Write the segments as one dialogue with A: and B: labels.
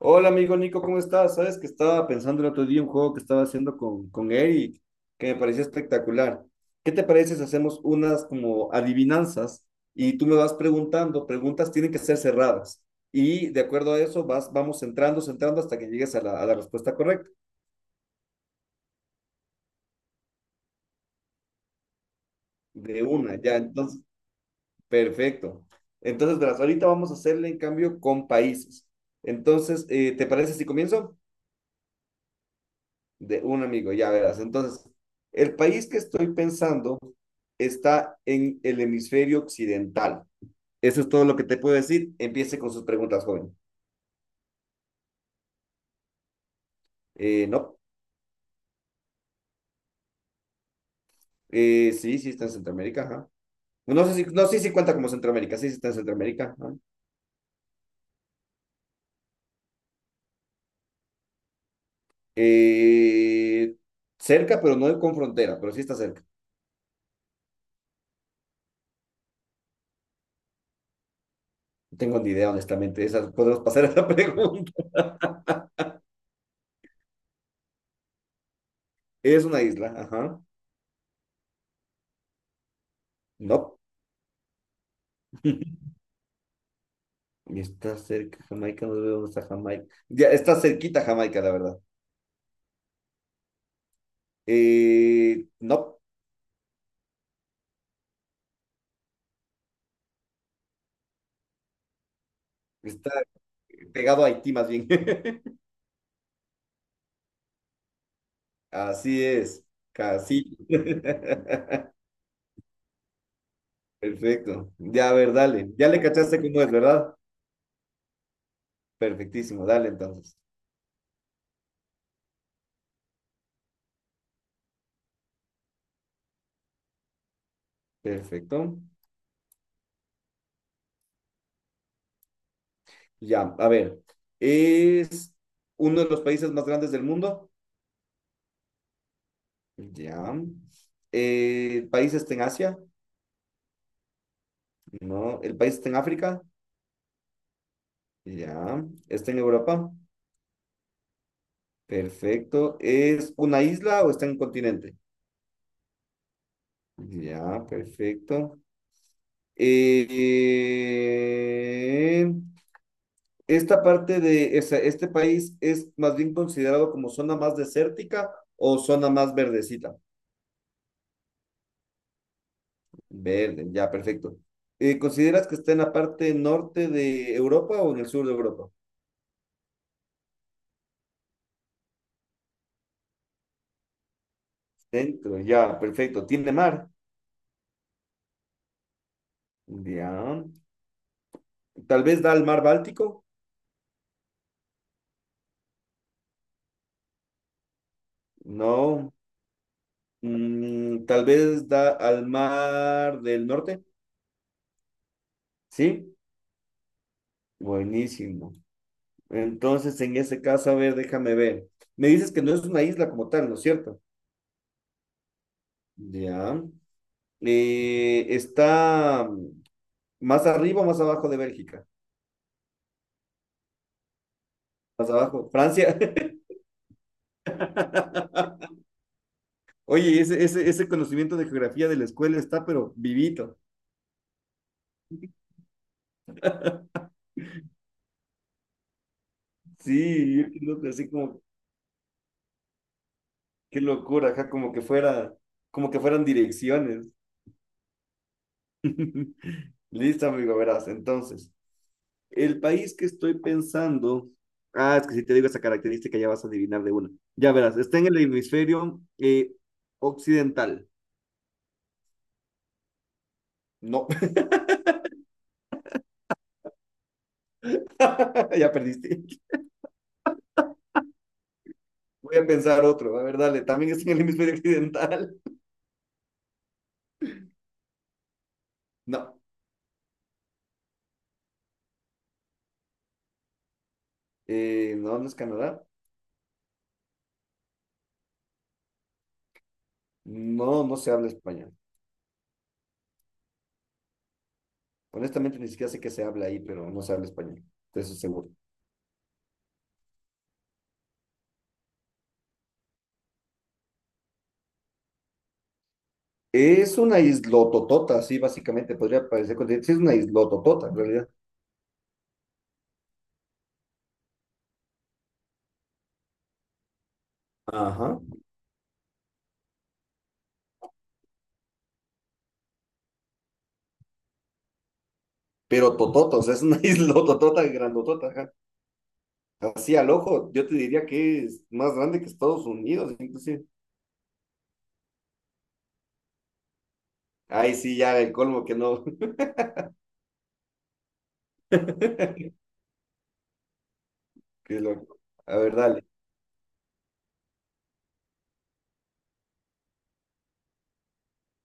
A: Hola amigo Nico, ¿cómo estás? Sabes que estaba pensando el otro día un juego que estaba haciendo con Eric, que me parecía espectacular. ¿Qué te parece si hacemos unas como adivinanzas y tú me vas preguntando? Preguntas tienen que ser cerradas y de acuerdo a eso vamos entrando hasta que llegues a la respuesta correcta. De una, ya, entonces, perfecto. Entonces, verás, ahorita vamos a hacerle en cambio con países. Entonces, ¿te parece si comienzo? De un amigo, ya verás. Entonces, el país que estoy pensando está en el hemisferio occidental. Eso es todo lo que te puedo decir. Empiece con sus preguntas, joven. No. Sí, sí está en Centroamérica, ajá. No sé si, no, sí, sí cuenta como Centroamérica, sí, sí está en Centroamérica, ajá. Eh, Cerca, pero no con frontera, pero sí está cerca. No tengo ni idea, honestamente. Podemos pasar a esa pregunta. Es una isla, ajá. No. Está cerca Jamaica, nos vemos a Jamaica. Ya, está cerquita Jamaica, la verdad. No, está pegado a Haití más bien. Así es, casi. Perfecto. Ya, a ver, dale. Ya le cachaste cómo es, ¿verdad? Perfectísimo, dale entonces. Perfecto. Ya, a ver. ¿Es uno de los países más grandes del mundo? Ya. ¿El país está en Asia? No. ¿El país está en África? Ya. ¿Está en Europa? Perfecto. ¿Es una isla o está en un continente? Ya, perfecto. Eh, ¿Esta parte de esa- este país es más bien considerado como zona más desértica o zona más verdecita? Verde, ya, perfecto. ¿Consideras que está en la parte norte de Europa o en el sur de Europa? Centro, ya, perfecto. ¿Tiene mar? Ya. ¿Tal vez da al mar Báltico? No. Tal vez da al mar del norte. Sí, buenísimo. Entonces, en ese caso, a ver, déjame ver. Me dices que no es una isla como tal, ¿no es cierto? Ya. Está más arriba o más abajo de Bélgica. Más abajo. Francia. Oye, ese conocimiento de geografía de la escuela está, pero vivito. Sí, yo creo que así como, qué locura, ajá, como que fuera, como que fueran direcciones. Listo, amigo, verás. Entonces, el país que estoy pensando. Ah, es que si te digo esa característica ya vas a adivinar de una. Ya verás, está en el hemisferio occidental. No, ya perdiste. Voy a pensar otro. A ver, dale. También está en el hemisferio occidental. No. No, no es Canadá. No, no se habla español. Honestamente, ni siquiera sé que se habla ahí, pero no se habla español. De eso seguro. Es una islototota, sí, básicamente. Podría parecer continente. Sí, es una islototota, en realidad. Ajá. Pero totota, o sea, es una isla totota, grandotota, ajá. Así al ojo, yo te diría que es más grande que Estados Unidos, inclusive. Ahí sí, ya el colmo que no. Qué loco. A ver, dale.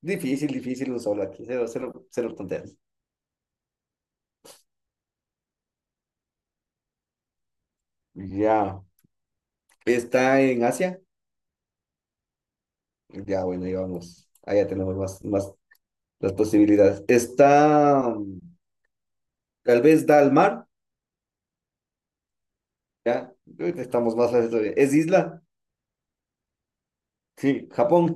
A: Difícil, difícil los aquí, cero, cero, cero tonterías. Ya. ¿Está en Asia? Ya, bueno, ahí vamos. Ahí ya tenemos más las posibilidades. ¿Está, tal vez da al mar? Ya, ahorita estamos más a eso de- ¿Es isla? Sí, Japón.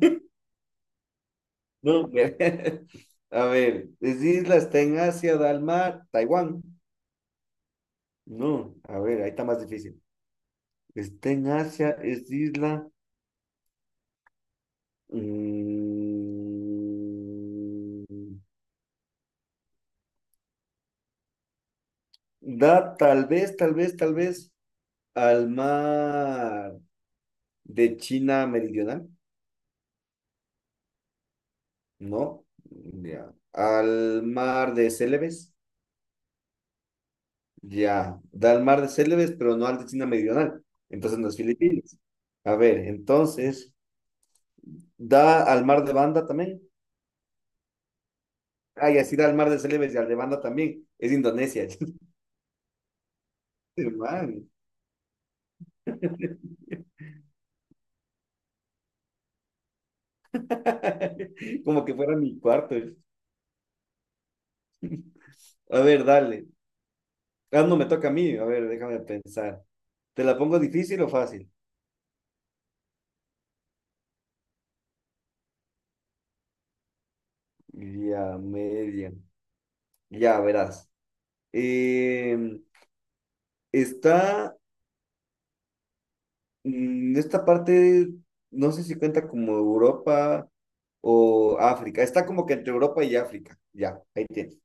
A: No, güey. A ver, es isla, está en Asia, da al mar, Taiwán. No, a ver, ahí está más difícil. Está en Asia, es isla. mm, Da tal vez, tal vez, tal vez al mar de China Meridional. No, ya. Al mar de Celebes. Ya, da al mar de Celebes pero no al de China Meridional. Entonces no es Filipinas. A ver, entonces. Da al mar de Banda también. Ah, y así da al mar de Celebes y al de Banda también. Es Indonesia. Man. Como que fuera mi cuarto. A ver, dale. Ah, no, me toca a mí. A ver, déjame pensar. ¿Te la pongo difícil o fácil? Ya, media. Ya, verás. Eh, Está esta parte, no sé si cuenta como Europa o África. Está como que entre Europa y África. Ya, ahí tienes.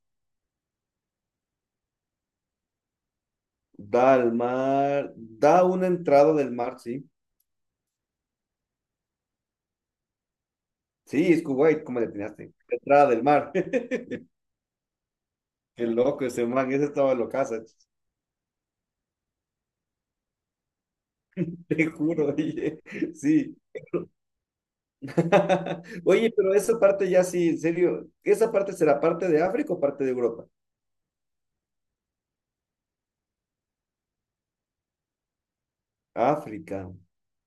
A: Da al mar, da una entrada del mar, sí. Sí, es Kuwait, ¿cómo le atinaste? Entrada del mar. Qué loco ese man, ese estaba locaza, te juro, oye, sí. Oye, pero esa parte ya sí, en serio, ¿esa parte será parte de África o parte de Europa? África.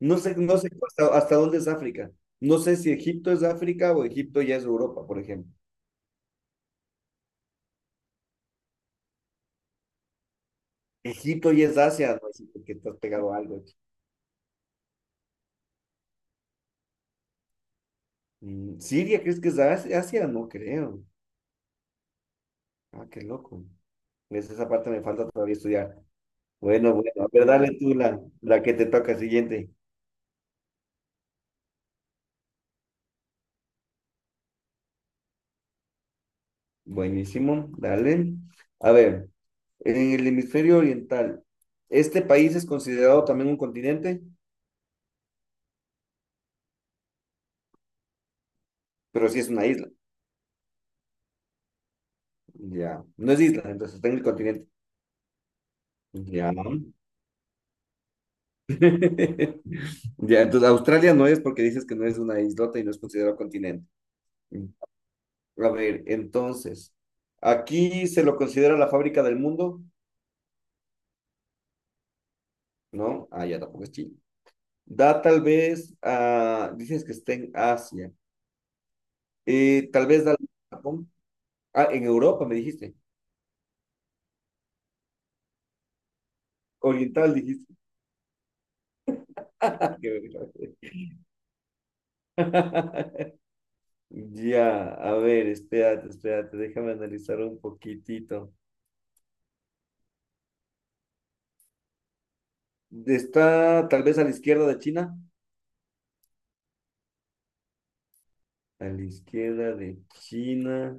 A: No sé, no sé hasta dónde es África. No sé si Egipto es África o Egipto ya es Europa, por ejemplo. Egipto ya es Asia, no sé que estás pegado a algo aquí. ¿Siria crees que es Asia? ¿Asia? No creo. Ah, qué loco. Es esa parte me falta todavía estudiar. Bueno, bueno, a ver, dale tú la que te toca siguiente. Buenísimo, dale. A ver, en el hemisferio oriental, este país es considerado también un continente, pero sí es una isla. Ya, no es isla, entonces está en el continente. Ya. Ya, entonces Australia no es porque dices que no es una islota y no es considerado continente. A ver, entonces, aquí se lo considera la fábrica del mundo, ¿no? Ah, ya tampoco es Chile. Da tal vez a, dices que está en Asia. Tal vez da a Japón, ah, en Europa me dijiste, oriental dijiste. Qué vergüenza. Ya, a ver, espérate, espérate, déjame analizar un poquitito. Está tal vez a la izquierda de China, a la izquierda de China.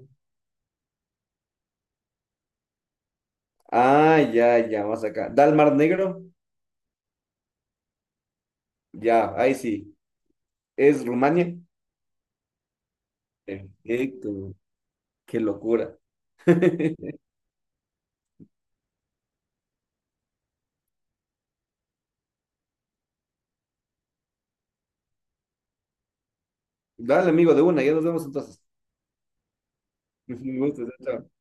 A: Ah, ya, ya, más acá. ¿Da al Mar Negro? Ya, ahí sí. ¿Es Rumania? Perfecto, qué locura. Dale, amigo, de una, ya nos vemos entonces. Es un gusto, chao. Chao.